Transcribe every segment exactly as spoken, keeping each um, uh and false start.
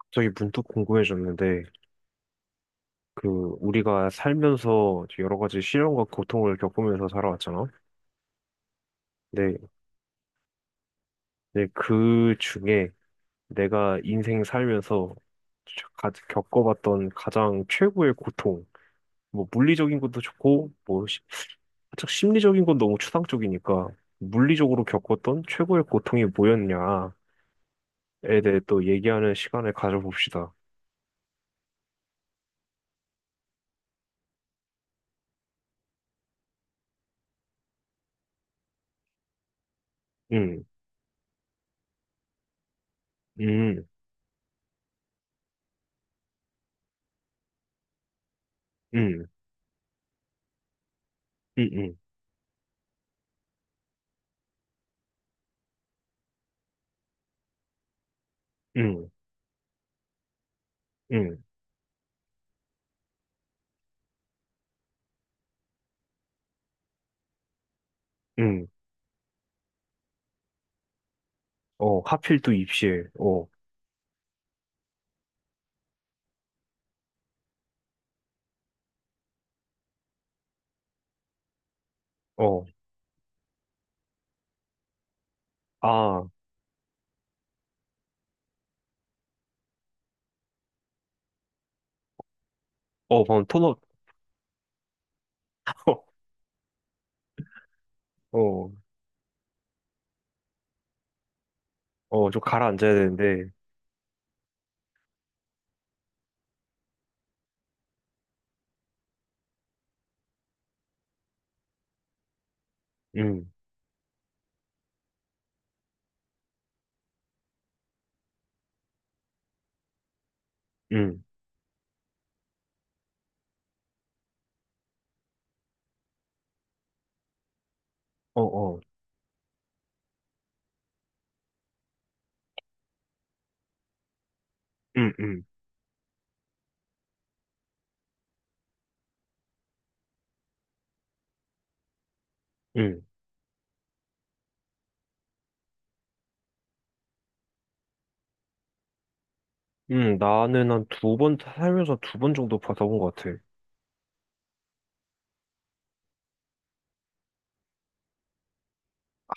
갑자기 문득 궁금해졌는데, 그, 우리가 살면서 여러 가지 시련과 고통을 겪으면서 살아왔잖아? 근데, 근데 그 중에 내가 인생 살면서 가- 겪어봤던 가장 최고의 고통, 뭐, 물리적인 것도 좋고, 뭐, 시- 살짝 심리적인 건 너무 추상적이니까, 물리적으로 겪었던 최고의 고통이 뭐였냐에 대해 또 얘기하는 시간을 가져봅시다. 음. 음. 음. 음. 음. 음. 음. 음. 어, 하필 또 입실. 어, 어, 아, 어, 방금 톤업. 어, 어, 좀 가라앉아야 되는데. 음. 음. 어. 어. 음. 음. 음. 음. 나는 한 두 번, 살면서 두 번 정도 받아본 것 같아.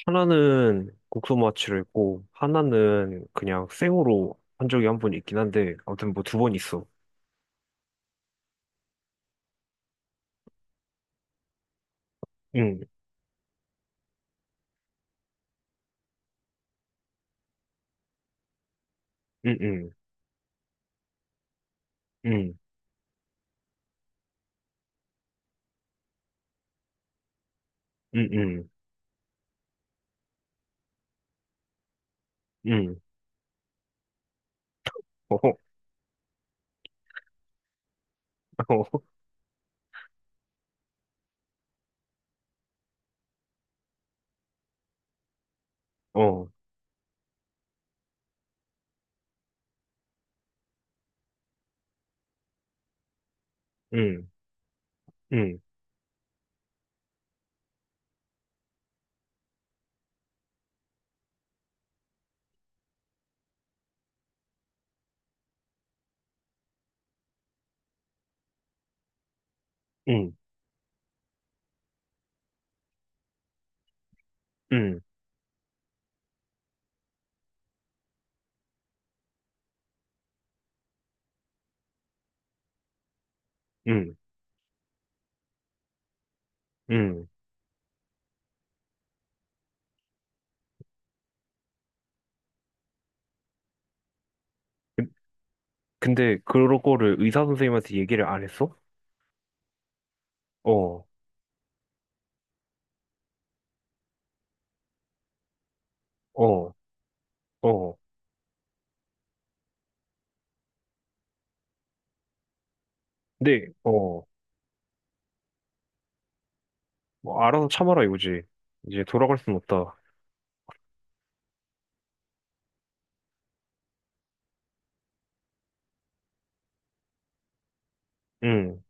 하나는 국소마취를 했고, 하나는 그냥 생으로 한 적이 한 번 있긴 한데, 아무튼 뭐 두 번 있어. 음. 음. 음. 음. 음. 음. 응. 어. 어. 어. 음. 음. 음. 음. 음. 음. 근데 그거를 런 의사 선생님한테 얘기를 안 했어? 어, 어, 어. 근데 어, 뭐 알아서 참아라 이거지. 이제 돌아갈 순 없다. 응,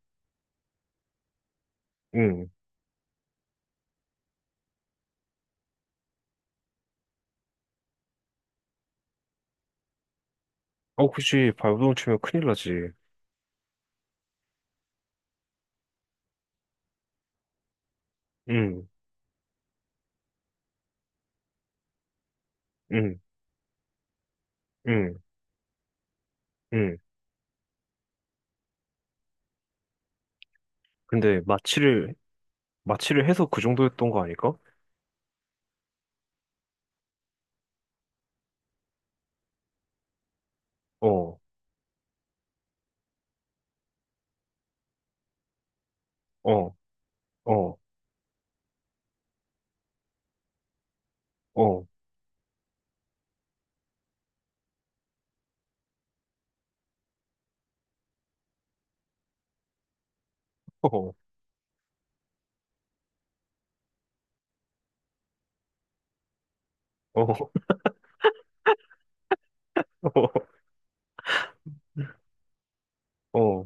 응. 어, 그치. 발버둥 치면 큰일 나지. 응, 응, 응, 응. 근데 마취를 마취를 해서 그 정도였던 거 아닐까? 어, 어, 어, 어, 어, 어, 어.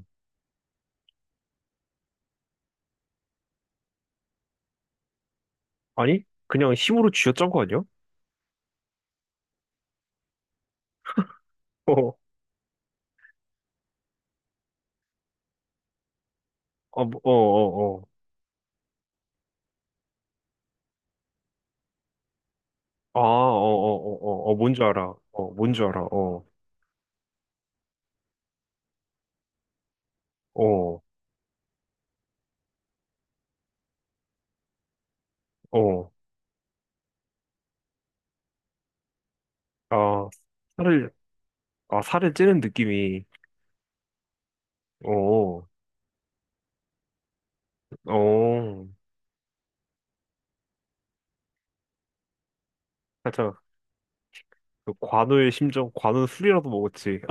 아니? 그냥 힘으로 쥐어짠 거 아니야? 어, 아, 뭐, 어, 어, 어. 아, 어, 어, 어, 어, 어, 뭔지 알아. 어, 뭔지 알아. 어, 어, 어. 아, 살을, 아, 살을 찌는 느낌이, 어, 어. 살짝, 그 관우의 심정, 관우는 술이라도 먹었지.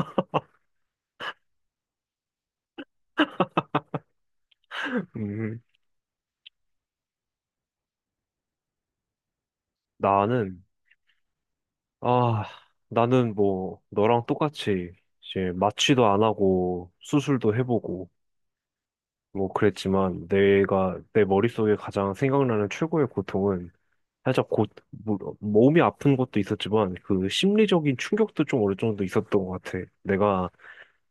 음. 나는, 아, 나는 뭐, 너랑 똑같이, 이제, 마취도 안 하고, 수술도 해보고, 뭐, 그랬지만, 내가, 내 머릿속에 가장 생각나는 최고의 고통은, 살짝 곧 뭐- 몸이 아픈 것도 있었지만 그 심리적인 충격도 좀 어느 정도 있었던 것 같아. 내가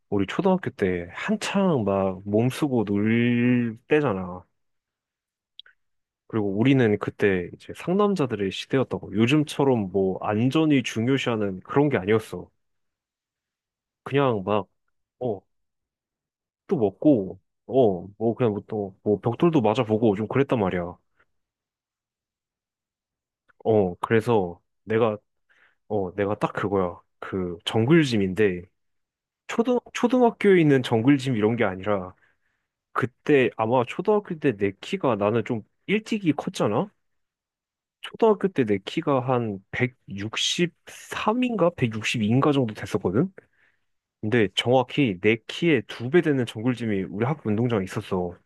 우리 초등학교 때 한창 막 몸쓰고 놀 때잖아. 그리고 우리는 그때 이제 상남자들의 시대였다고. 요즘처럼 뭐 안전이 중요시하는 그런 게 아니었어. 그냥 막, 어, 또 먹고, 어, 뭐 그냥 뭐 또, 뭐 벽돌도 맞아보고 좀 그랬단 말이야. 어, 그래서 내가, 어, 내가 딱 그거야. 그 정글짐인데 초등, 초등학교에 있는 정글짐 이런 게 아니라 그때 아마 초등학교 때 내 키가 나는 좀 일찍이 컸잖아? 초등학교 때 내 키가 한 백육십삼인가 백육십이인가 정도 됐었거든? 근데 정확히 내 키의 두 배 되는 정글짐이 우리 학교 운동장에 있었어.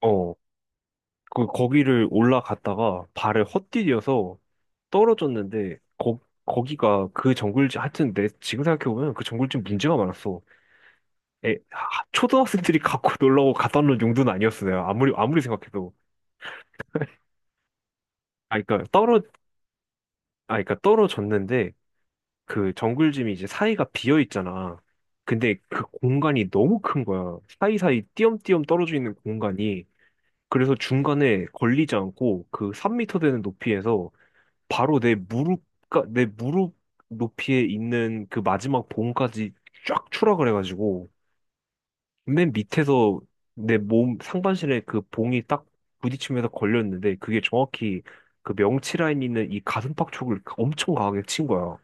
어, 그, 거기를 올라갔다가 발을 헛디뎌서 떨어졌는데 거, 거기가 그 정글짐, 하여튼 내 지금 생각해보면 그 정글짐 문제가 많았어. 에, 하, 초등학생들이 갖고 놀라고 갖다 놓은 용도는 아니었어요. 아무리 아무리 생각해도. 아, 그러니까 떨어, 아, 그러니까 떨어졌는데 그 정글짐이 이제 사이가 비어 있잖아. 근데 그 공간이 너무 큰 거야. 사이사이 띄엄띄엄 떨어져 있는 공간이. 그래서 중간에 걸리지 않고 그 삼 미터 되는 높이에서 바로 내 무릎, 그러니까 내 무릎 높이에 있는 그 마지막 봉까지 쫙 추락을 해가지고. 맨 밑에서 내 몸 상반신에 그 봉이 딱 부딪히면서 걸렸는데 그게 정확히 그 명치 라인 있는 이 가슴팍 쪽을 엄청 강하게 친 거야.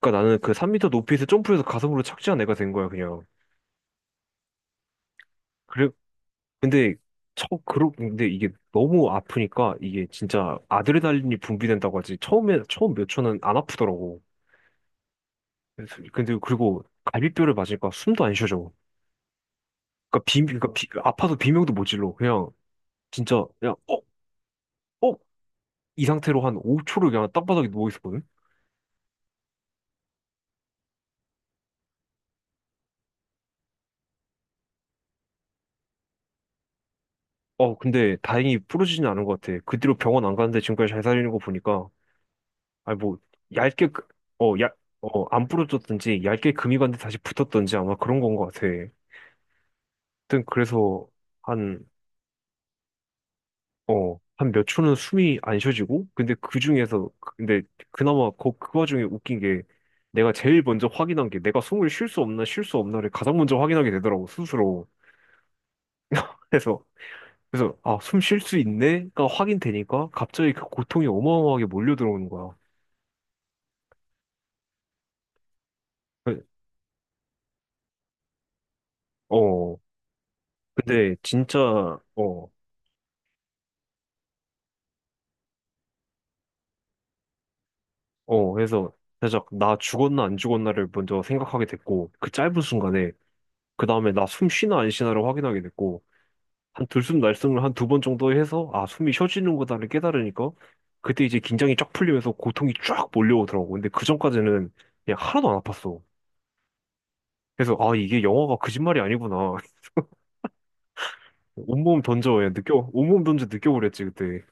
그러니까 나는 그 삼 미터 높이에서 점프해서 가슴으로 착지한 애가 된 거야 그냥. 그래 근데 저 그러 근데 이게 너무 아프니까 이게 진짜 아드레날린이 분비된다고 하지 처음에 처음 몇 초는 안 아프더라고. 그래서- 근데 그리고 갈비뼈를 맞으니까 숨도 안 쉬어져. 그러니까 비 그러니까 비- 아파서 비명도 못 질러 그냥 진짜 그냥 어? 어? 이 상태로 한 오 초를 그냥 땅바닥에 누워 있었거든? 어, 근데 다행히 부러지진 않은 것 같아. 그 뒤로 병원 안 가는데 지금까지 잘 살리는 거 보니까, 아니, 뭐, 얇게, 그- 어, 얇, 어, 안 부러졌든지, 얇게 금이 갔는데 다시 붙었던지 아마 그런 건 것 같아. 하여튼, 그래서 한, 어, 한 몇 초는 숨이 안 쉬어지고, 근데 그 중에서, 그, 근데 그나마 그, 그 와중에 웃긴 게, 내가 제일 먼저 확인한 게 내가 숨을 쉴 수 없나, 쉴 수 없나를 가장 먼저 확인하게 되더라고, 스스로. 그래서 그래서 아, 숨 쉴 수 있네가 확인되니까 갑자기 그 고통이 어마어마하게 몰려 들어오는 거야. 그- 어, 근데 진짜 어, 어, 해서 살짝 나 죽었나 안 죽었나를 먼저 생각하게 됐고 그 짧은 순간에 그 다음에 나 숨 쉬나 안 쉬나를 확인하게 됐고 한 들숨 날숨을 한 두 번 정도 해서 아, 숨이 쉬어지는 거다를 깨달으니까 그때 이제 긴장이 쫙 풀리면서 고통이 쫙 몰려오더라고. 근데 그 전까지는 그냥 하나도 안 아팠어. 그래서 아, 이게 영화가 거짓말이 아니구나. 온몸 던져, 야, 느껴, 온몸 던져 느껴보랬지, 그때.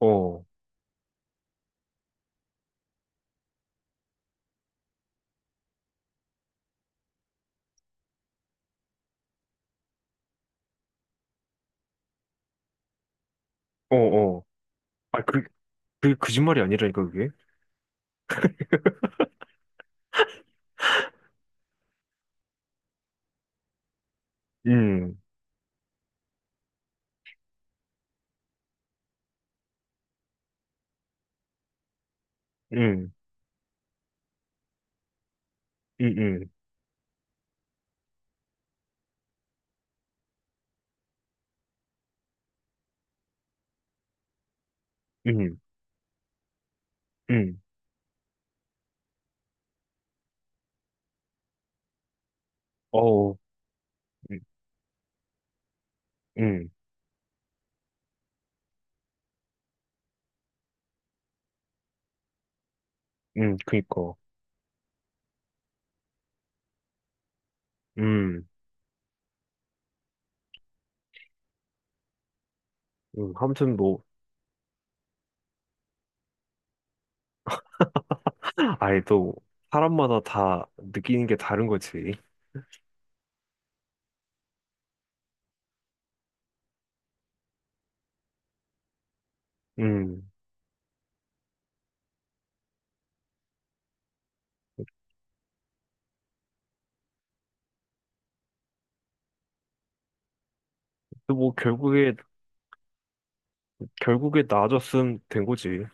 어, 어, 어. 아, 그, 그, 거짓말이 아니라니까, 그게. 음. 음. 음. 음. 음. 음. 어우. 음. 음. 음. 그니까. 음. 음. 아무튼 뭐, 아예 또, 사람마다 다 느끼는 게 다른 거지. 음. 근데 뭐, 결국에, 결국에 나아졌음 된 거지.